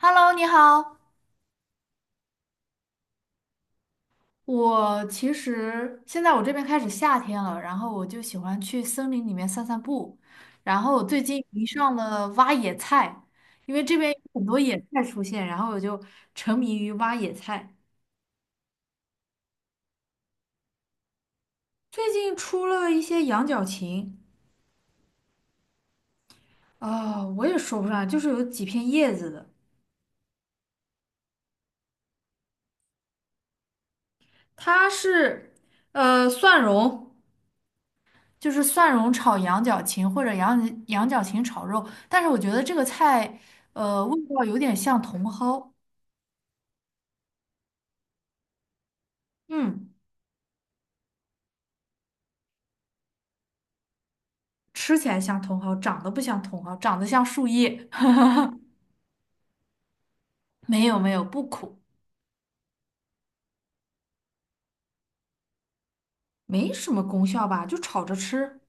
Hello，你好。我其实现在我这边开始夏天了，然后我就喜欢去森林里面散散步。然后我最近迷上了挖野菜，因为这边有很多野菜出现，然后我就沉迷于挖野菜。最近出了一些羊角芹，我也说不上来，就是有几片叶子的。它是蒜蓉。就是蒜蓉炒羊角芹或者羊角芹炒肉，但是我觉得这个菜，味道有点像茼蒿。嗯，吃起来像茼蒿，长得不像茼蒿，长得像树叶。没有没有，不苦，没什么功效吧，就炒着吃。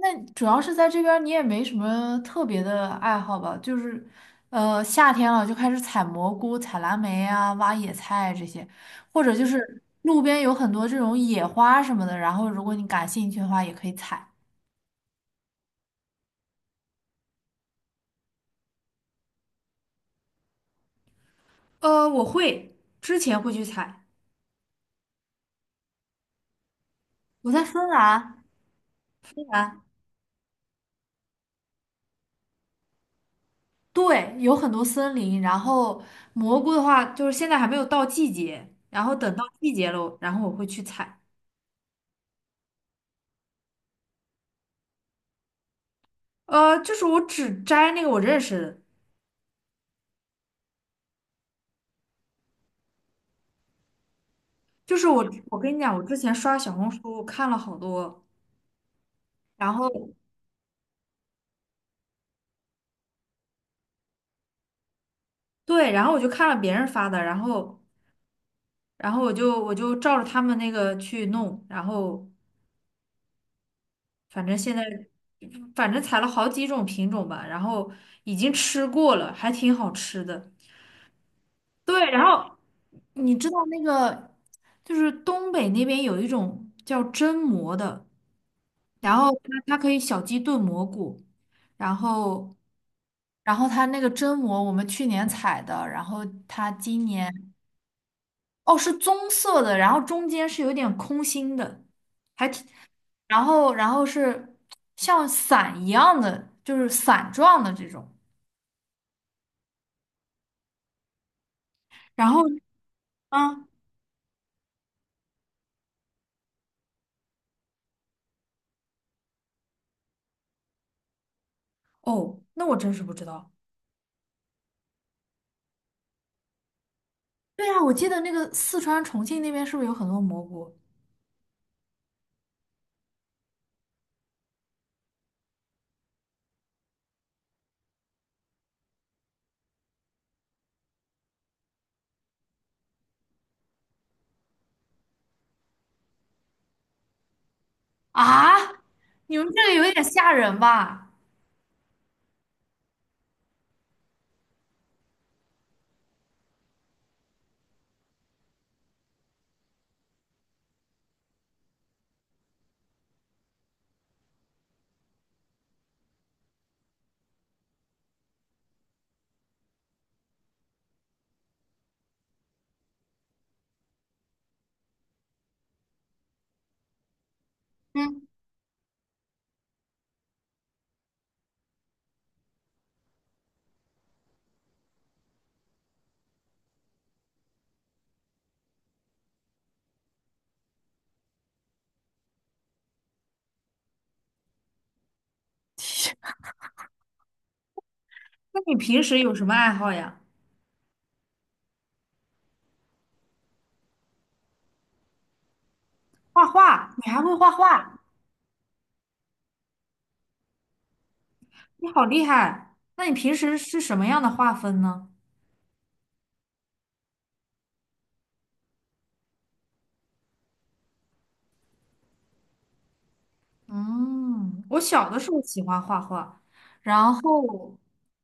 那主要是在这边儿你也没什么特别的爱好吧，就是，夏天了就开始采蘑菇、采蓝莓啊，挖野菜这些，或者就是路边有很多这种野花什么的，然后如果你感兴趣的话，也可以采。我会，之前会去采。我在芬兰，芬兰，对，有很多森林。然后蘑菇的话，就是现在还没有到季节，然后等到季节了，然后我会去采。就是我只摘那个我认识的，就是我，我跟你讲，我之前刷小红书看了好多，然后对，然后我就看了别人发的，然后，然后我就照着他们那个去弄，然后反正现在反正采了好几种品种吧，然后已经吃过了，还挺好吃的。对，然后你知道那个就是东北那边有一种叫榛蘑的，然后它可以小鸡炖蘑菇，然后然后它那个榛蘑我们去年采的，然后它今年哦是棕色的，然后中间是有点空心的，然后是像伞一样的，就是伞状的这种。然后啊，哦，那我真是不知道。对啊，我记得那个四川、重庆那边是不是有很多蘑菇？啊，你们这个有点吓人吧？嗯，那你平时有什么爱好呀？画画，你还会画画？你好厉害！那你平时是什么样的画风呢？嗯，我小的时候喜欢画画，然后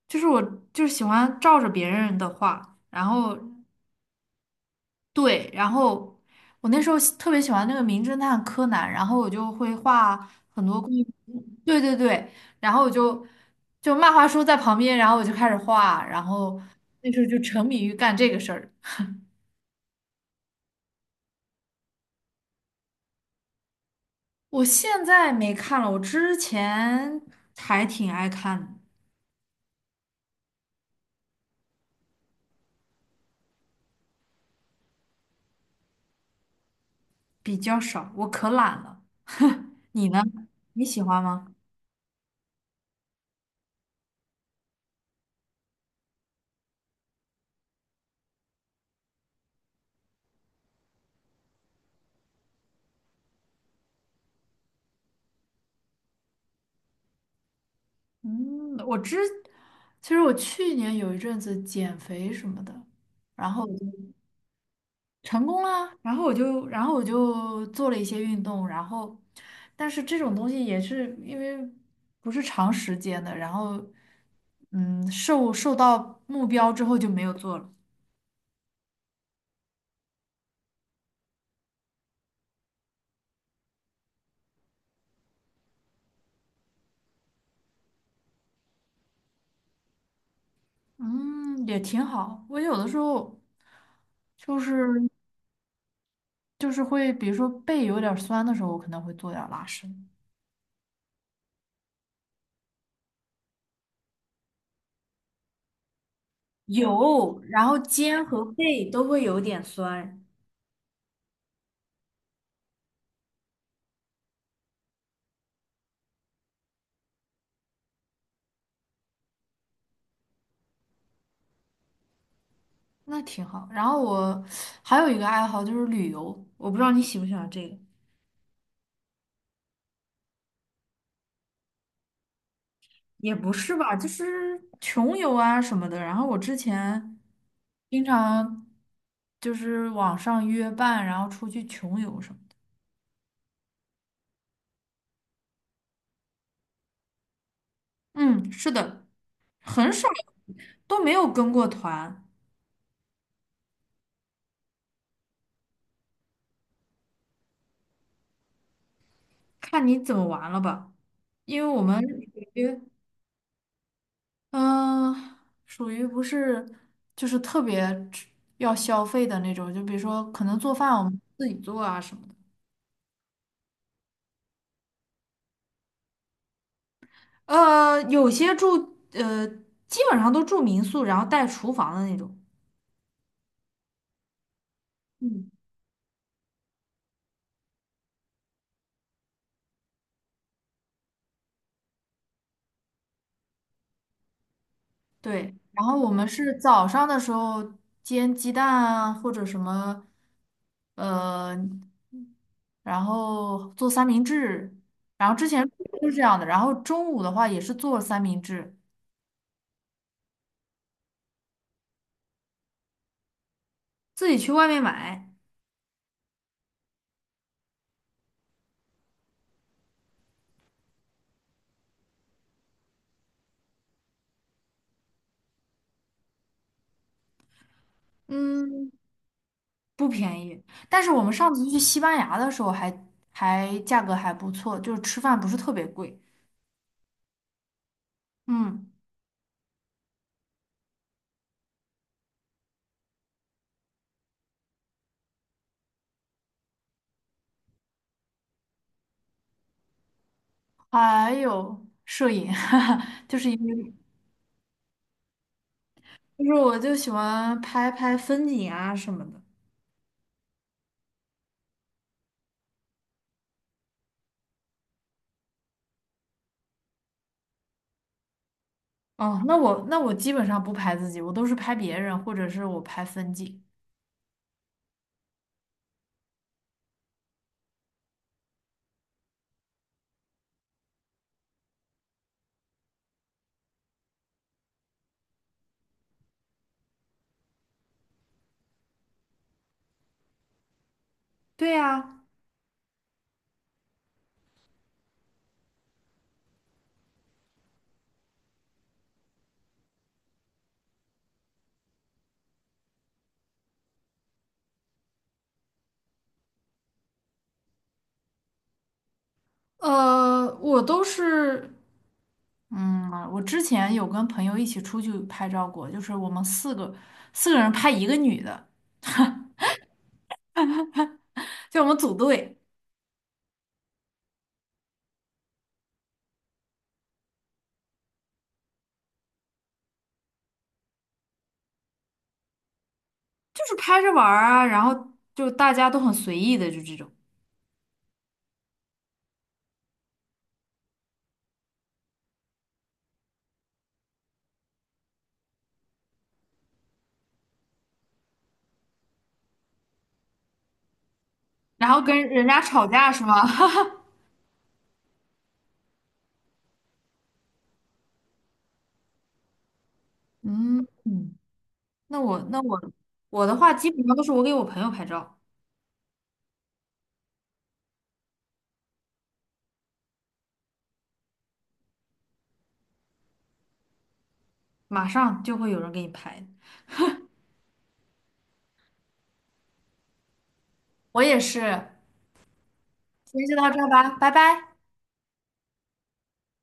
就是我就是喜欢照着别人的画，然后对，然后我那时候特别喜欢那个名侦探柯南，然后我就会画很多关于对对对，然后我就漫画书在旁边，然后我就开始画，然后那时候就沉迷于干这个事儿。我现在没看了，我之前还挺爱看的。比较少，我可懒了。你呢？你喜欢吗？嗯，其实我去年有一阵子减肥什么的，然后。成功啦，然后我就，然后我就做了一些运动，然后，但是这种东西也是因为不是长时间的，然后，嗯，受到目标之后就没有做了，嗯，也挺好。我有的时候就是就是会，比如说背有点儿酸的时候，我可能会做点儿拉伸，有，然后肩和背都会有点酸。那挺好。然后我还有一个爱好就是旅游，我不知道你喜不喜欢这个。也不是吧，就是穷游啊什么的。然后我之前经常就是网上约伴，然后出去穷游什么的。嗯，是的，很少都没有跟过团，看你怎么玩了吧。因为我们属于嗯，属于不是就是特别吃要消费的那种，就比如说可能做饭我们自己做啊什么的。有些住基本上都住民宿，然后带厨房的那种。嗯，对，然后我们是早上的时候煎鸡蛋啊，或者什么，呃，然后做三明治，然后之前都是这样的，然后中午的话也是做三明治，自己去外面买，嗯，不便宜，但是我们上次去西班牙的时候还价格还不错，就是吃饭不是特别贵，嗯，还有摄影，就是因为就是我就喜欢拍拍风景啊什么的。哦，那我基本上不拍自己，我都是拍别人，或者是我拍风景。对呀，我都是，嗯，我之前有跟朋友一起出去拍照过，就是我们四个人拍一个女的，就我们组队，就是拍着玩儿啊，然后就大家都很随意的，就这种，然后跟人家吵架是吗？嗯，嗯那我我的话基本上都是我给我朋友拍照。马上就会有人给你拍，我也是，先就到这儿吧，拜拜。